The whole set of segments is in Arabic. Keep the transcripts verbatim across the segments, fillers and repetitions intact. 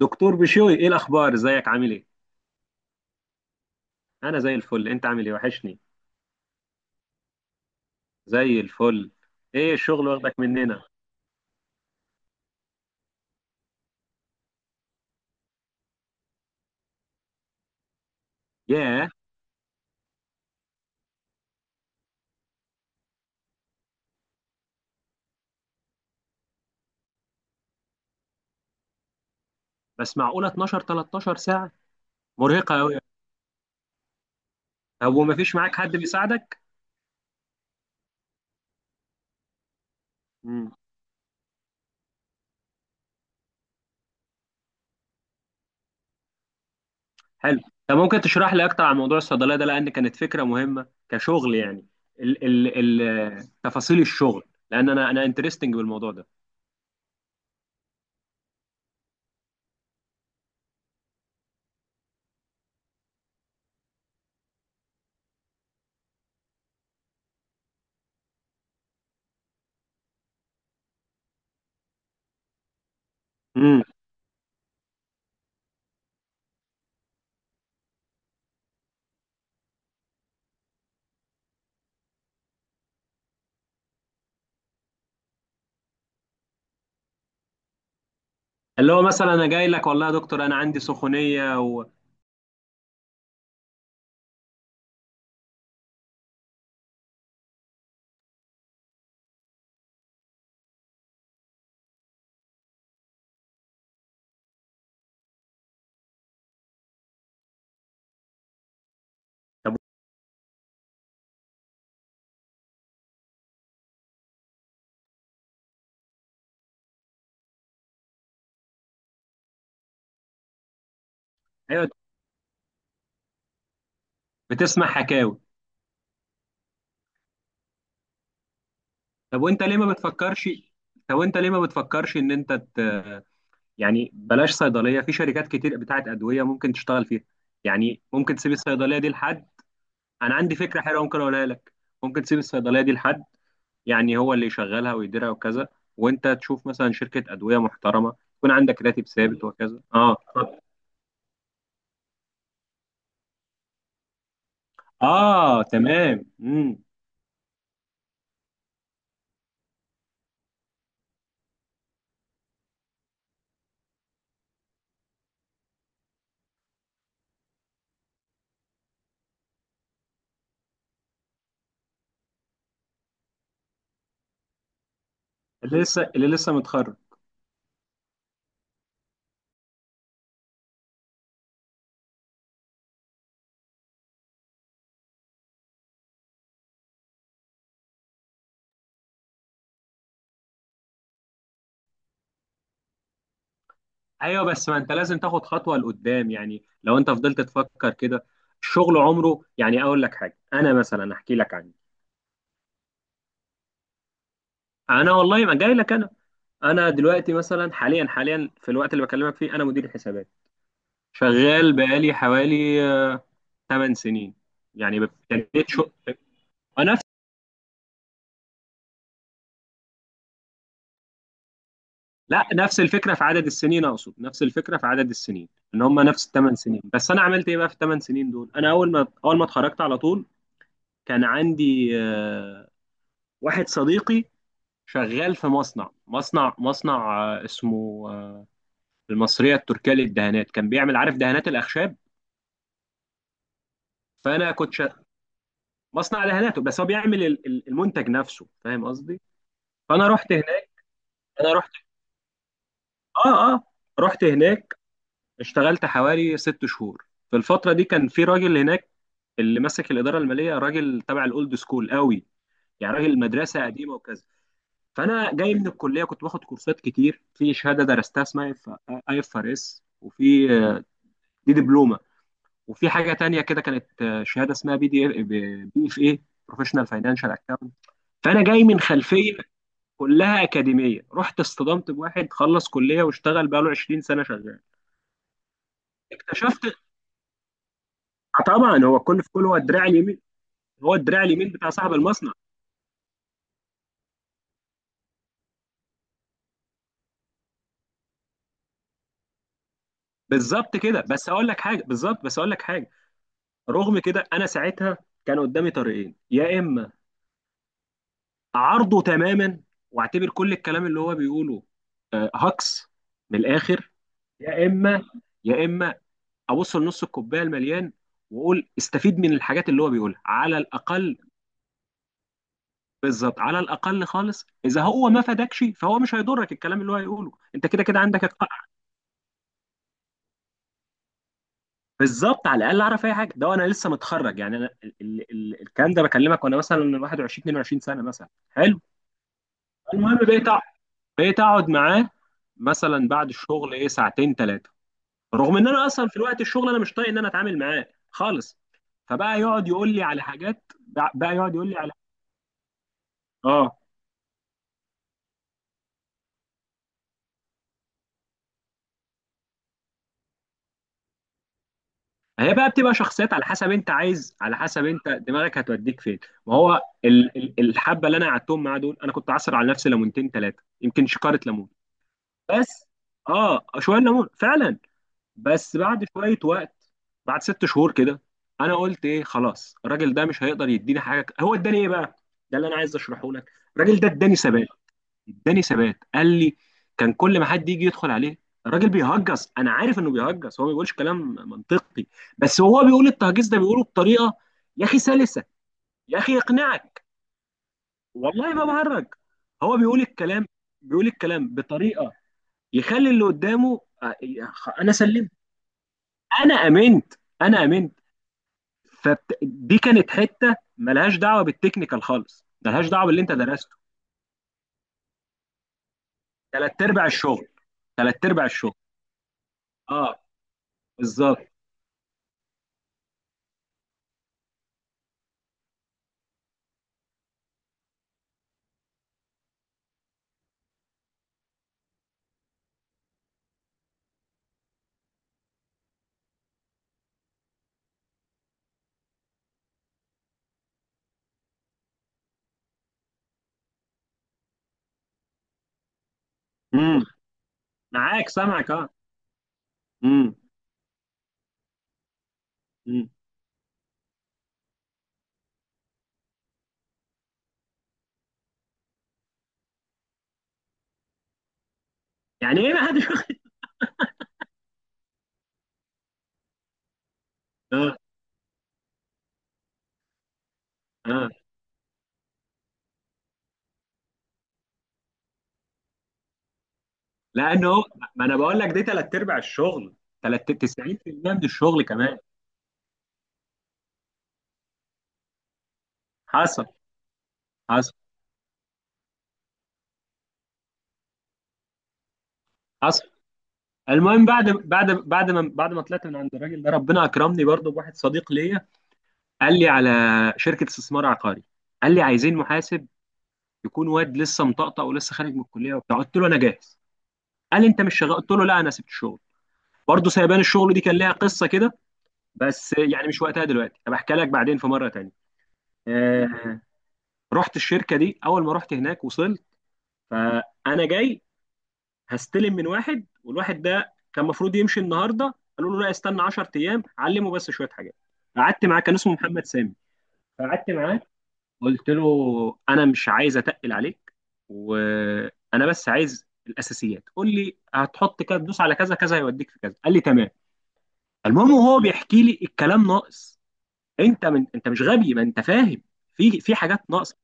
دكتور بشوي، ايه الاخبار؟ ازيك؟ عامل ايه؟ انا زي الفل. انت عامل ايه؟ وحشني. زي الفل. ايه الشغل واخدك مننا؟ ياه. بس معقوله اتناشر تلتاشر ساعه؟ مرهقه قوي. طب وما فيش معاك حد بيساعدك؟ امم. حلو. طب ممكن تشرح لي اكتر عن موضوع الصيدليه ده؟ لان كانت فكره مهمه كشغل يعني. ال ال ال تفاصيل الشغل. لان انا انا انترستنج بالموضوع ده. امم. اللي هو مثلا انا جاي لك، والله يا دكتور انا عندي سخونيه. و... طب. ايوه، بتسمع حكاوي. طب وانت ليه ما بتفكرش طب وانت ليه ما بتفكرش ان انت ت... يعني بلاش صيدليه، في شركات كتير بتاعت ادويه ممكن تشتغل فيها. يعني ممكن تسيب الصيدليه دي لحد. انا عندي فكره حلوه ممكن اقولها لك. ممكن تسيب الصيدليه دي لحد، يعني هو اللي يشغلها ويديرها وكذا. وانت تشوف مثلا شركه ادويه محترمه، يكون عندك راتب ثابت وكذا. اه. اه، تمام. امم. اللي لسه اللي لسه متخرج. ايوه، بس ما انت لازم تاخد خطوه لقدام، يعني لو انت فضلت تفكر كده الشغل عمره. يعني اقول لك حاجه، انا مثلا احكي لك عني. انا والله ما جاي لك انا. انا دلوقتي مثلا حاليا، حاليا في الوقت اللي بكلمك فيه انا مدير حسابات. شغال بقالي حوالي 8 سنين. يعني ابتديت شغل نفس لا، نفس الفكره في عدد السنين، اقصد نفس الفكره في عدد السنين. ان هم نفس الثمان سنين، بس انا عملت ايه بقى في الثمان سنين دول؟ انا اول ما اول ما اتخرجت على طول كان عندي آه، واحد صديقي شغال في مصنع مصنع مصنع، آه، اسمه آه، المصرية التركية للدهانات، كان بيعمل عارف دهانات الأخشاب. فأنا كنت شغ... مصنع دهاناته، بس هو بيعمل ال- ال- المنتج نفسه، فاهم قصدي؟ فأنا رحت هناك. أنا رحت آه آه رحت هناك، اشتغلت حوالي ست شهور. في الفترة دي كان في راجل هناك اللي ماسك الإدارة المالية، راجل تبع الأولد سكول قوي، يعني راجل مدرسة قديمة وكذا. فأنا جاي من الكلية، كنت باخد كورسات كتير، في شهادة درستها اسمها اي اف ار اس، وفي آه، دي دبلومة. وفي حاجه تانية كده، كانت آه، شهاده اسمها بي دي بي اف اي، بروفيشنال فاينانشال اكاونت. فانا جاي من خلفيه كلها اكاديميه، رحت اصطدمت بواحد خلص كليه واشتغل بقاله عشرين سنة سنه شغال. اكتشفت آه، طبعا هو الكل في كل، هو الدراع اليمين، هو الدراع اليمين بتاع صاحب المصنع. بالظبط كده. بس اقول لك حاجه بالظبط بس اقول لك حاجه، رغم كده انا ساعتها كان قدامي طريقين. يا اما اعارضه تماما واعتبر كل الكلام اللي هو بيقوله آه، هكس من الاخر، يا اما يا اما ابص لنص الكوبايه المليان واقول استفيد من الحاجات اللي هو بيقولها على الاقل. بالظبط. على الاقل خالص، اذا هو ما فادكش فهو مش هيضرك الكلام اللي هو هيقوله، انت كده كده عندك الق- بالظبط. على الاقل اعرف اي حاجه، ده وانا لسه متخرج، يعني انا ال ال ال الكلام ده بكلمك وانا مثلا واحد وعشرين اتنين وعشرين سنة سنه مثلا. حلو. المهم بقيت أع- بقيت اقعد معاه مثلا بعد الشغل ايه ساعتين ثلاثه، رغم ان انا اصلا في الوقت الشغل انا مش طايق ان انا اتعامل معاه خالص. فبقى يقعد يقول لي على حاجات، بقى يقعد يقول لي على اه هي بقى بتبقى شخصيات، على حسب انت عايز، على حسب انت دماغك هتوديك فين. ما هو ال- ال- الحبه اللي انا قعدتهم معاه دول انا كنت عصر على نفسي ليمونتين ثلاثه، يمكن شكاره ليمون. بس اه، شويه ليمون فعلا. بس بعد شويه وقت، بعد ست شهور كده، انا قلت ايه خلاص، الراجل ده مش هيقدر يديني حاجه. هو اداني ايه بقى؟ ده اللي انا عايز اشرحه لك، الراجل ده اداني ثبات. اداني ثبات، قال لي كان كل ما حد يجي يدخل عليه الراجل بيهجص، انا عارف انه بيهجص، هو ما بيقولش كلام منطقي، بس هو بيقول التهجيص ده بيقوله بطريقه يا اخي سلسه، يا اخي يقنعك، والله ما بهرج. هو بيقول الكلام، بيقول الكلام بطريقه يخلي اللي قدامه آه، انا سلمت، انا امنت، انا امنت. فدي كانت حته ملهاش دعوه بالتكنيكال خالص، ملهاش دعوه باللي انت درسته، ثلاث ارباع الشغل، ثلاث ارباع الشغل. اه، بالظبط. معاك، سامعك. اه. امم. امم. يعني ايه ما حدش واخد- اه. اه. لانه، ما انا بقول لك دي ثلاث ارباع الشغل. تلات- تسعين في المية من الشغل كمان. حصل. حصل. حصل. المهم بعد بعد بعد ما بعد ما طلعت من عند الراجل ده، ربنا اكرمني برضه بواحد صديق ليا. قال لي على شركه استثمار عقاري، قال لي عايزين محاسب يكون واد لسه مطقطق ولسه خارج من الكليه وبتاع. قلت له انا جاهز. قال لي انت مش شغال؟ قلت له لا، انا سبت الشغل. برضه سايبان الشغل دي كان ليها قصه كده، بس يعني مش وقتها دلوقتي، هبقى احكي لك بعدين في مره تانيه. آه، رحت الشركه دي. اول ما رحت هناك وصلت، فانا جاي هستلم من واحد، والواحد ده كان المفروض يمشي النهارده، قالوا له لا استنى 10 ايام علمه بس شويه حاجات. قعدت معاه، كان اسمه محمد سامي. فقعدت معاه، قلت له انا مش عايز اتقل عليك، وانا بس عايز الاساسيات، قول لي هتحط كده، تدوس على كذا كذا هيوديك في كذا. قال لي تمام. المهم وهو بيحكي لي الكلام ناقص، انت من انت مش غبي ما انت فاهم، في في حاجات ناقصه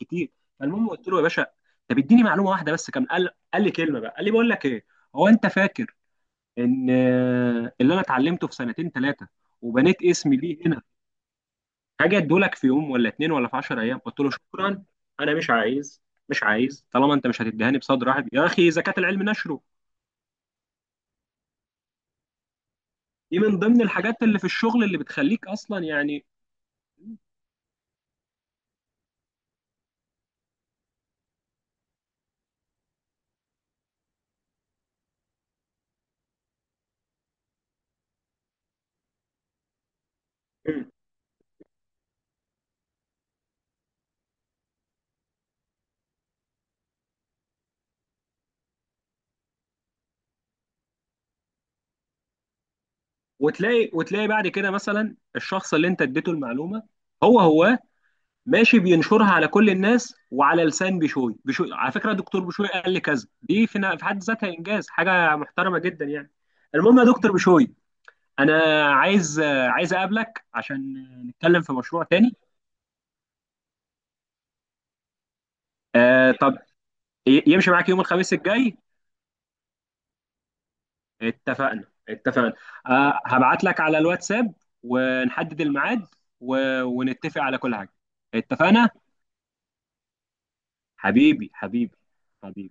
كتير. فالمهم قلت له يا باشا، طب اديني معلومه واحده بس كم. قال قال لي كلمه بقى، قال لي بقول لك ايه، هو انت فاكر ان آه، اللي انا اتعلمته في سنتين ثلاثه وبنيت اسمي ليه هنا، حاجه ادولك في يوم ولا اتنين ولا في 10 ايام؟ قلت له شكرا، انا مش عايز مش عايز طالما انت مش هتديهاني بصدر رحب. يا اخي زكاه العلم نشره. دي من ضمن الحاجات اللي في الشغل اللي بتخليك اصلا يعني. وتلاقي وتلاقي بعد كده مثلا الشخص اللي انت اديته المعلومه، هو هو ماشي بينشرها على كل الناس، وعلى لسان بشوي بشوي على فكره دكتور بشوي قال لي كذا، دي في في حد ذاتها انجاز، حاجه محترمه جدا يعني. المهم يا دكتور بشوي، انا عايز آه، عايز اقابلك عشان نتكلم في مشروع تاني. آه طب، ي- يمشي معاك يوم الخميس الجاي؟ اتفقنا، اتفقنا. آه هبعت لك على الواتساب ونحدد الميعاد و- ونتفق على كل حاجه. اتفقنا. حبيبي، حبيبي، حبيبي.